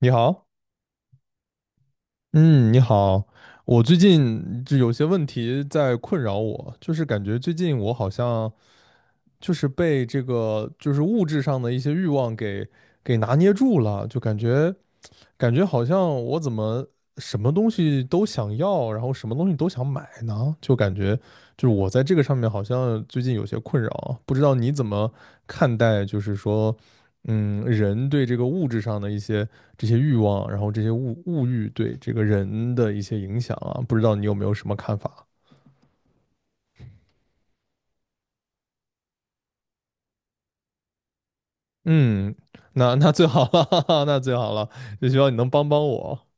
你好。嗯，你好。我最近就有些问题在困扰我，就是感觉最近我好像就是被这个就是物质上的一些欲望给拿捏住了，就感觉好像我怎么什么东西都想要，然后什么东西都想买呢？就感觉就是我在这个上面好像最近有些困扰啊，不知道你怎么看待，就是说人对这个物质上的一些这些欲望，然后这些物欲对这个人的一些影响啊，不知道你有没有什么看法？嗯，那最好了，哈哈，那最好了，就希望你能帮帮我。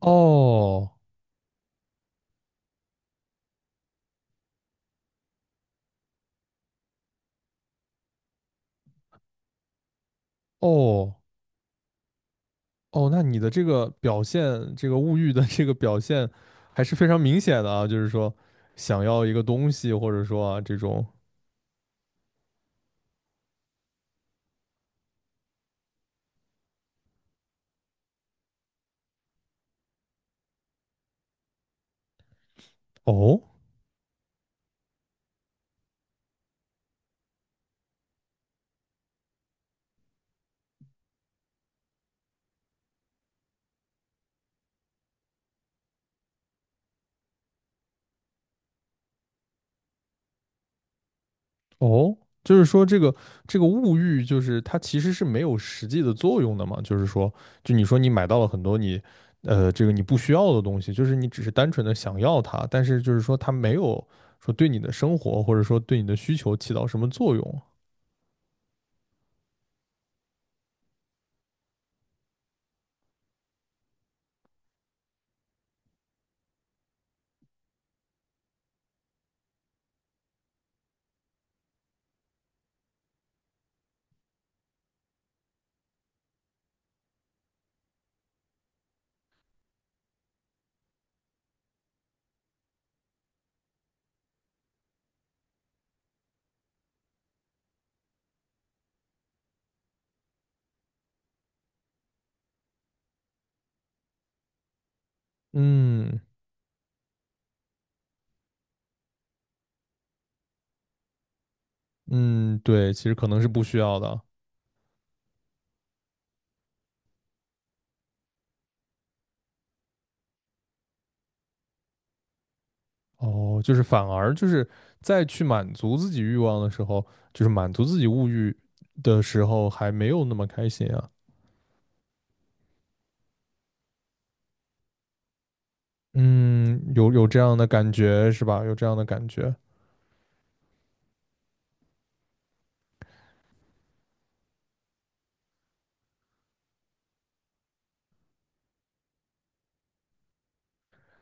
哦哦哦，那你的这个表现，这个物欲的这个表现还是非常明显的啊，就是说想要一个东西，或者说啊这种。哦哦，就是说这个物欲，就是它其实是没有实际的作用的嘛。就是说，就你说你买到了很多你，这个你不需要的东西，就是你只是单纯的想要它，但是就是说它没有说对你的生活或者说对你的需求起到什么作用。嗯。嗯，对，其实可能是不需要的。哦，就是反而就是在去满足自己欲望的时候，就是满足自己物欲的时候，还没有那么开心啊。嗯，有有这样的感觉是吧？有这样的感觉。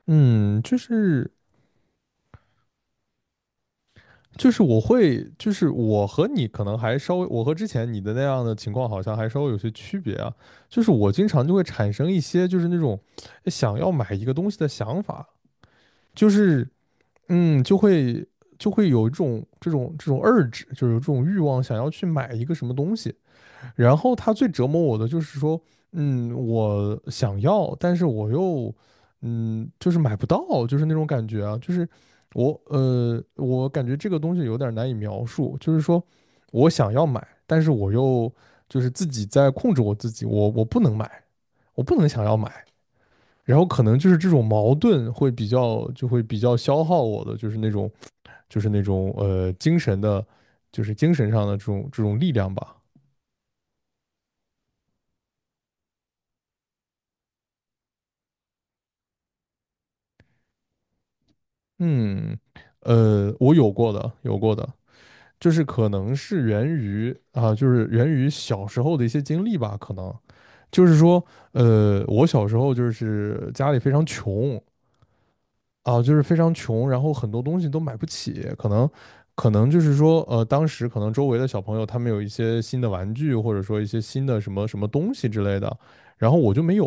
嗯，就是就是我会，就是我和你可能还稍微，我和之前你的那样的情况好像还稍微有些区别啊。就是我经常就会产生一些就是那种想要买一个东西的想法，就是嗯，就会就会有一种这种 urge,就是有这种欲望想要去买一个什么东西。然后他最折磨我的就是说，我想要，但是我又，就是买不到，就是那种感觉啊，就是我，我感觉这个东西有点难以描述，就是说我想要买，但是我又就是自己在控制我自己，我不能买，我不能想要买，然后可能就是这种矛盾会比较，就会比较消耗我的，就是那种，就是那种，精神的，就是精神上的这种力量吧。嗯，我有过的，有过的，就是可能是源于啊，就是源于小时候的一些经历吧，可能就是说，我小时候就是家里非常穷，啊，就是非常穷，然后很多东西都买不起，可能，可能就是说，当时可能周围的小朋友他们有一些新的玩具，或者说一些新的什么什么东西之类的，然后我就没有，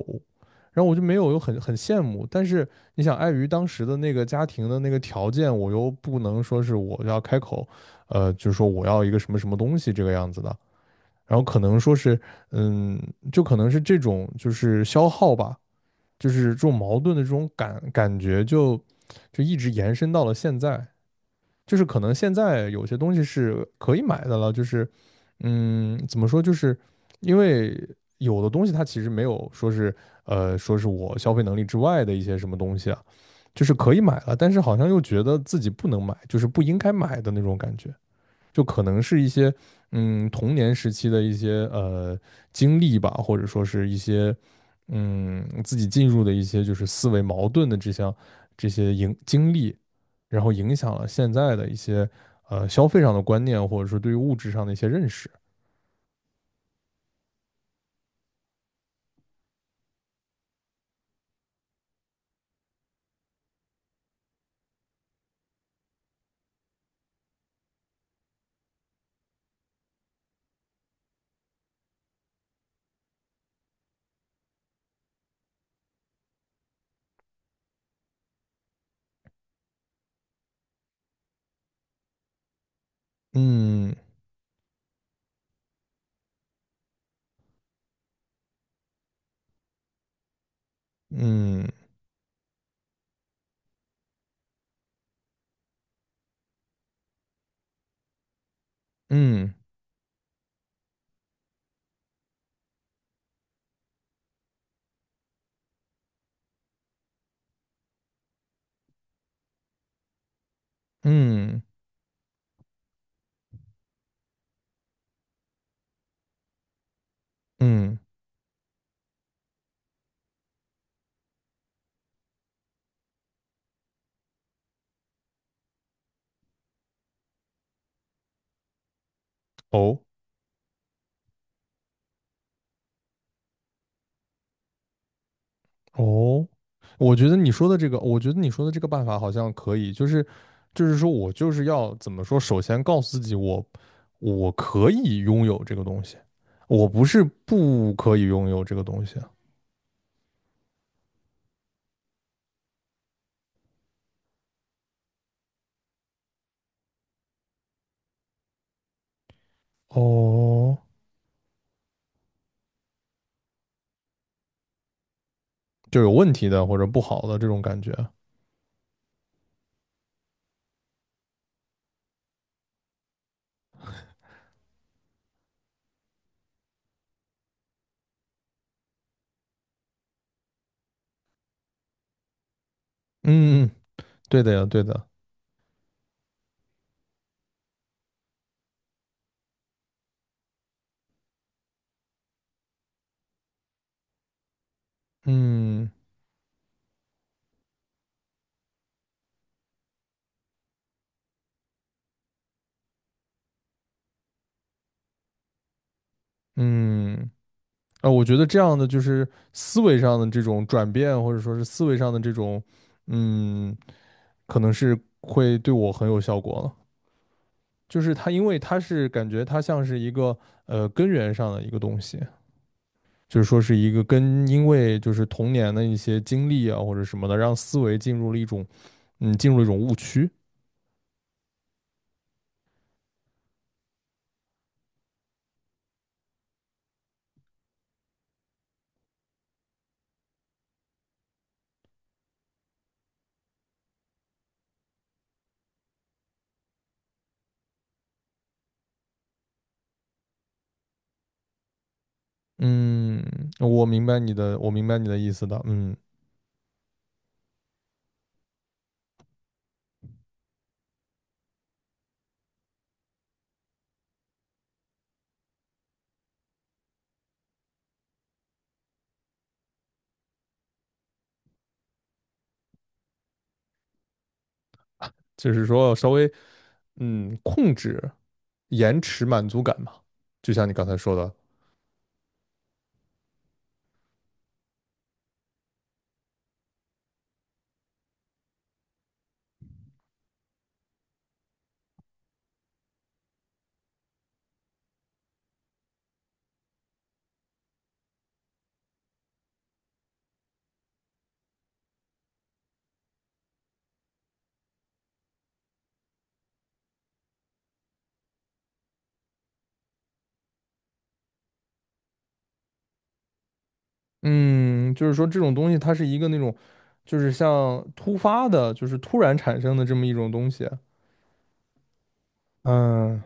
然后我就没有，又很很羡慕。但是你想，碍于当时的那个家庭的那个条件，我又不能说是我要开口，就是说我要一个什么什么东西这个样子的，然后可能说是，嗯，就可能是这种就是消耗吧。就是这种矛盾的这种感觉就就一直延伸到了现在，就是可能现在有些东西是可以买的了，就是嗯，怎么说，就是因为有的东西它其实没有说是说是我消费能力之外的一些什么东西啊，就是可以买了，但是好像又觉得自己不能买，就是不应该买的那种感觉。就可能是一些嗯童年时期的一些经历吧，或者说是一些嗯自己进入的一些就是思维矛盾的这项这些影经历，然后影响了现在的一些消费上的观念，或者说对于物质上的一些认识。嗯嗯嗯嗯嗯。哦，哦，我觉得你说的这个，我觉得你说的这个办法好像可以，就是就是说我就是要怎么说，首先告诉自己我我可以拥有这个东西，我不是不可以拥有这个东西。哦，就有问题的或者不好的这种感觉。嗯。嗯，对的呀，对的。嗯。嗯，啊，我觉得这样的就是思维上的这种转变，或者说是思维上的这种，嗯，可能是会对我很有效果了。就是它，因为它是感觉它像是一个根源上的一个东西，就是说是一个跟因为就是童年的一些经历啊或者什么的，让思维进入了一种嗯进入了一种误区。嗯，我明白你的，我明白你的意思的。嗯，就是说稍微嗯控制、延迟满足感嘛，就像你刚才说的。嗯，就是说这种东西它是一个那种就是像突发的，就是突然产生的这么一种东西。嗯。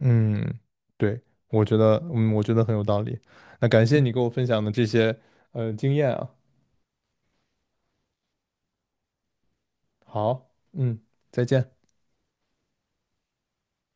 嗯，对，我觉得，嗯，我觉得很有道理。那感谢你给我分享的这些经验啊。好，嗯，再见。